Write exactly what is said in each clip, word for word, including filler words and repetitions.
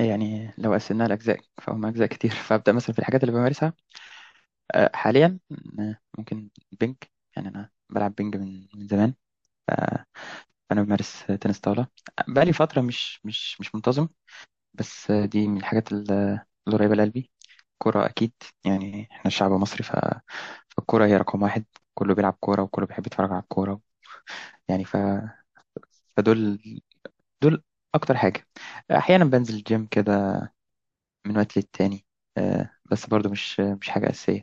يعني لو قسمناها لأجزاء فهم أجزاء كتير فأبدأ مثلا في الحاجات اللي بمارسها آه، حاليا. آه، ممكن بينج. يعني أنا بلعب بينج من من زمان، ف- فأنا بمارس تنس طاولة. بقالي فترة مش مش مش منتظم، بس آه، دي من الحاجات ال- اللي قريبة لقلبي. كرة أكيد. يعني إحنا الشعب المصري، ف... فالكرة هي رقم واحد. كله بيلعب كورة وكله بيحب يتفرج على الكورة. يعني ف... فدول دول أكتر حاجة. أحيانا بنزل الجيم كده من وقت للتاني، آه، بس برضو مش مش حاجة أساسية.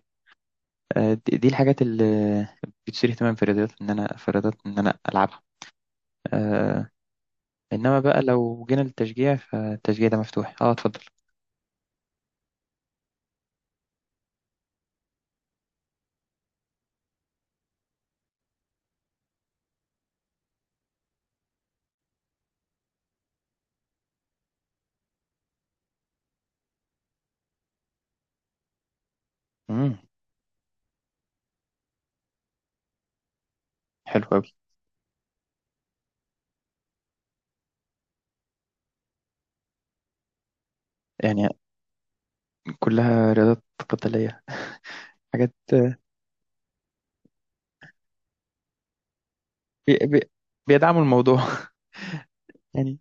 آه، دي دي الحاجات اللي بتثير اهتمام في الرياضات، إن أنا في الرياضات إن أنا ألعبها آه، إنما بقى لو جينا للتشجيع، فالتشجيع ده مفتوح. أه اتفضل. مم. حلو أوي. يعني كلها رياضات قتالية، حاجات آه، بي بي بيدعموا الموضوع يعني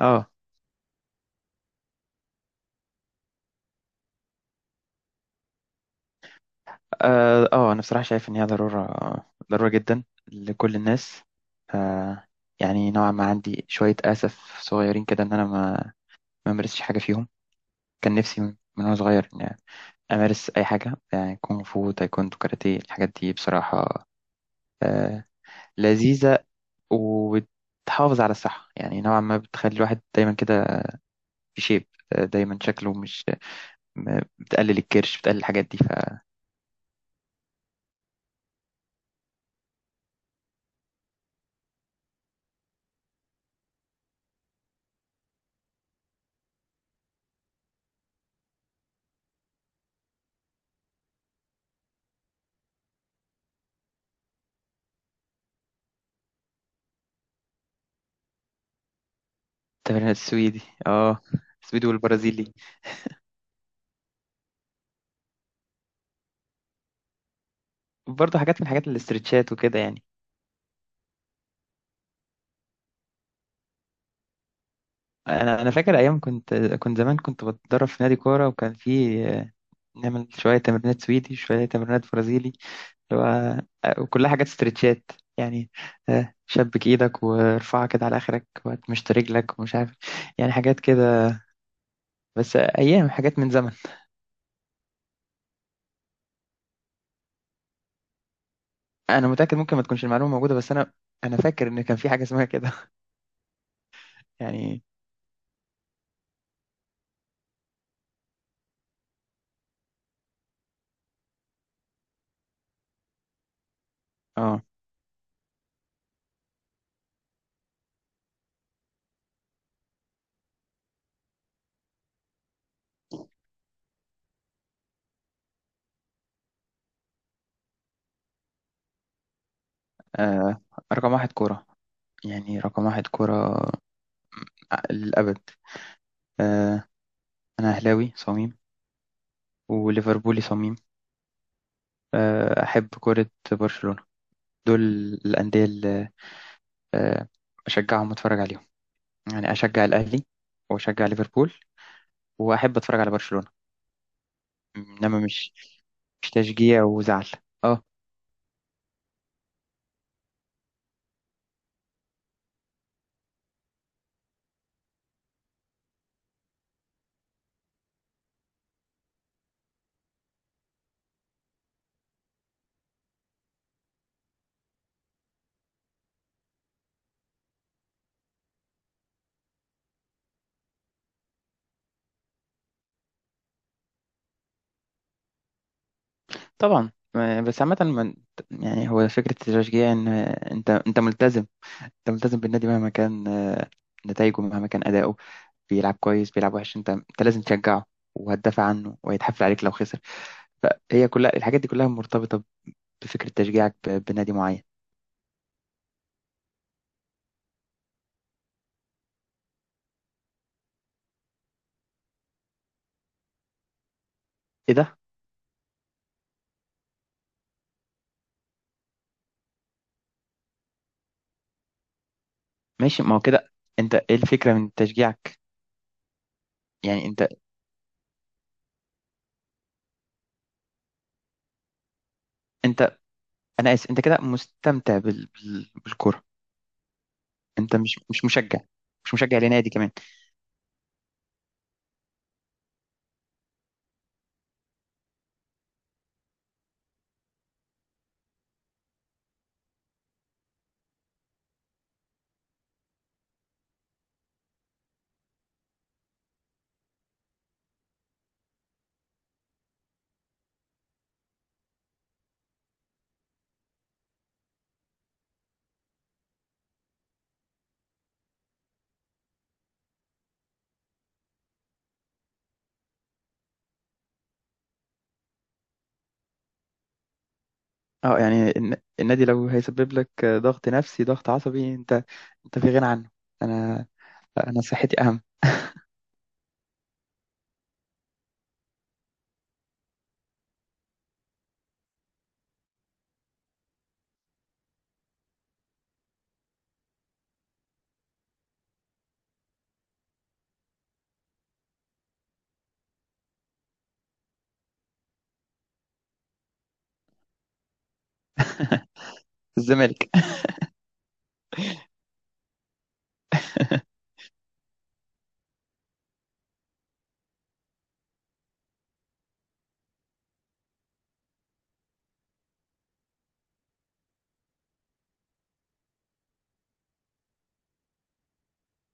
أه أه آه، أنا بصراحة شايف إن هي ضرورة، ضرورة جدا لكل الناس. آه، يعني نوعا ما عندي شوية أسف صغيرين كده إن أنا ما ما مارستش حاجة فيهم. كان نفسي من من وأنا صغير إني أمارس أي حاجة، يعني كونغ فو، تايكوندو، كاراتيه. الحاجات دي بصراحة آه، لذيذة وبتحافظ على الصحة. يعني نوعا ما بتخلي الواحد دايما كده في شيب، آه، دايما شكله مش. م- بتقلل الكرش، بتقلل الحاجات دي. فالتمرين السويدي. اه، السويدي والبرازيلي برضه حاجات من حاجات الاسترتشات وكده. يعني انا انا فاكر ايام كنت كنت زمان، كنت بتدرب في نادي كوره، وكان في آه، نعمل شويه تمرينات سويدي، شويه تمرينات برازيلي، اللي هو آه، وكلها حاجات استرتشات. يعني آه، شبك ايدك وارفعها كده على اخرك، وتمشط رجلك، ومش عارف. يعني حاجات كده، بس ايام. حاجات من زمن. انا متاكد ممكن ما تكونش المعلومه موجوده، بس انا انا فاكر ان كان في حاجه اسمها كده يعني اه، آه، رقم واحد كوره. يعني رقم واحد كوره آه، للابد. آه، انا اهلاوي صميم وليفربولي صميم. آه، احب كوره برشلونه. دول الانديه اللي آه، اشجعهم واتفرج عليهم. يعني اشجع الاهلي، واشجع ليفربول، واحب اتفرج على برشلونة. انما مش مش تشجيع وزعل. اه طبعا، ما- بس عامة. ما- يعني هو فكرة التشجيع ان آه، انت انت ملتزم. انت ملتزم بالنادي مهما كان آه، نتائجه، مهما كان اداؤه. بيلعب كويس بيلعب وحش، انت انت لازم تشجعه، وهتدافع عنه، وهيتحفل عليك لو خسر. فهي كلها الحاجات دي كلها مرتبطة بفكرة تشجيعك ب- بنادي معين. ايه ده؟ ماشي، ما هو كده. انت ايه الفكرة من تشجيعك؟ يعني انت انت انا اسف، انت كده مستمتع بال... بال... بالكوره. انت مش مش مشجع، مش مشجع لنادي كمان. اه يعني الن- النادي لو هيسبب لك ضغط نفسي ضغط عصبي، انت انت في غنى عنه. انا انا صحتي اهم. الزمالك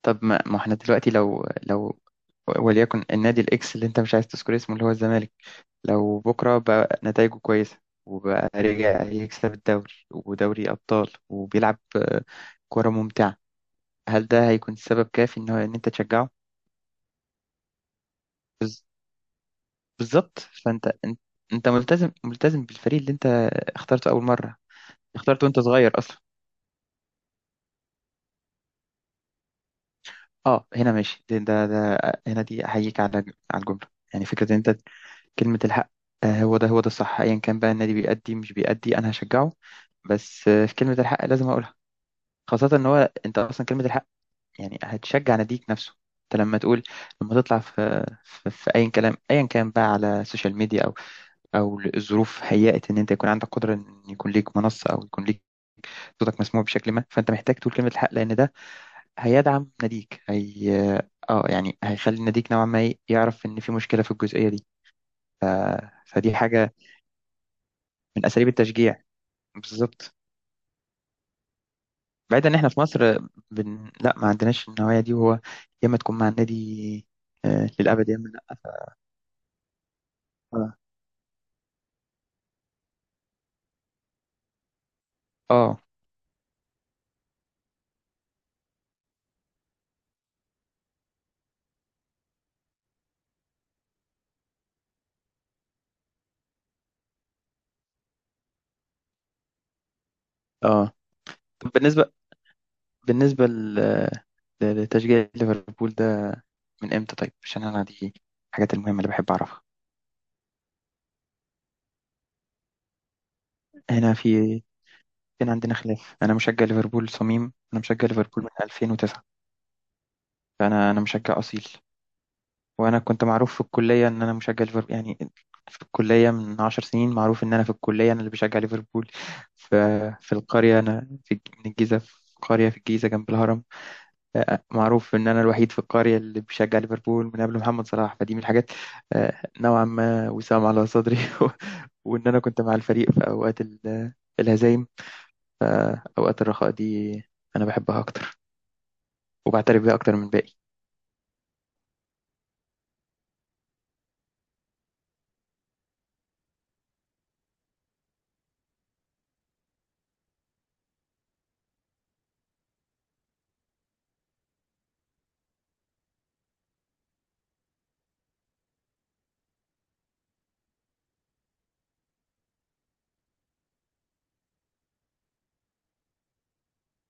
طب ما ما احنا دلوقتي لو لو وليكن النادي الاكس اللي انت مش عايز تذكر اسمه، اللي هو الزمالك، لو بكره بقى نتائجه كويسه، وبقى رجع يكسب الدوري ودوري ابطال، وبيلعب آه، كوره ممتعه، هل ده هيكون سبب كافي ان هو ان انت تشجعه؟ بز- بالظبط. فانت انت انت ملتزم ملتزم بالفريق اللي انت اخترته اول مره، اخترته وانت صغير اصلا. اه هنا ماشي ده, ده, ده هنا دي احييك على على الجمله. يعني فكره ان انت كلمه الحق. آه، هو ده هو ده الصح. ايا كان بقى النادي بيأدي مش بيأدي انا هشجعه، بس آه، في كلمه الحق لازم اقولها. خاصه ان هو انت اصلا كلمه الحق، يعني هتشجع ناديك نفسه. انت لما تقول لما تطلع في في, في اي كلام ايا كان بقى على السوشيال ميديا، او الظروف هيأت ان انت يكون عندك قدره ان يكون ليك منصه، او يكون ليك صوتك مسموع بشكل ما، فانت محتاج تقول كلمه الحق، لان ده هيدعم ناديك هي اه، يعني هيخلي ناديك نوعا ما، إيه، يعرف ان في مشكله في الجزئيه دي. ف... فدي حاجه من اساليب التشجيع بالظبط. بعيدا ان احنا في مصر، بن... لا، ما عندناش النوعيه دي. وهو يا اما تكون مع النادي آه للابد، يا اما لا. ف- اه اه آه. طب بالنسبه، بالنسبه لتشجيع ليفربول ده، من امتى؟ طيب عشان انا دي الحاجات المهمة اللي بحب اعرفها. هنا في كان عندنا خلاف. انا مشجع ليفربول صميم، انا مشجع ليفربول من ألفين وتسعة. فانا انا مشجع اصيل. وانا كنت معروف في الكلية ان انا مشجع ليفربول. يعني في الكلية من عشر سنين معروف ان انا في الكلية انا اللي بشجع ليفربول. ف- في القرية، انا في الج- من الجيزة، في قرية في الجيزة جنب الهرم. آه، معروف ان انا الوحيد في القريه اللي بشجع ليفربول من قبل محمد صلاح. فدي من الحاجات آه، نوعا ما وسام على صدري وان انا كنت مع الفريق في اوقات ال- الهزايم. فاوقات الرخاء دي انا بحبها اكتر، وبعترف بيها اكتر من باقي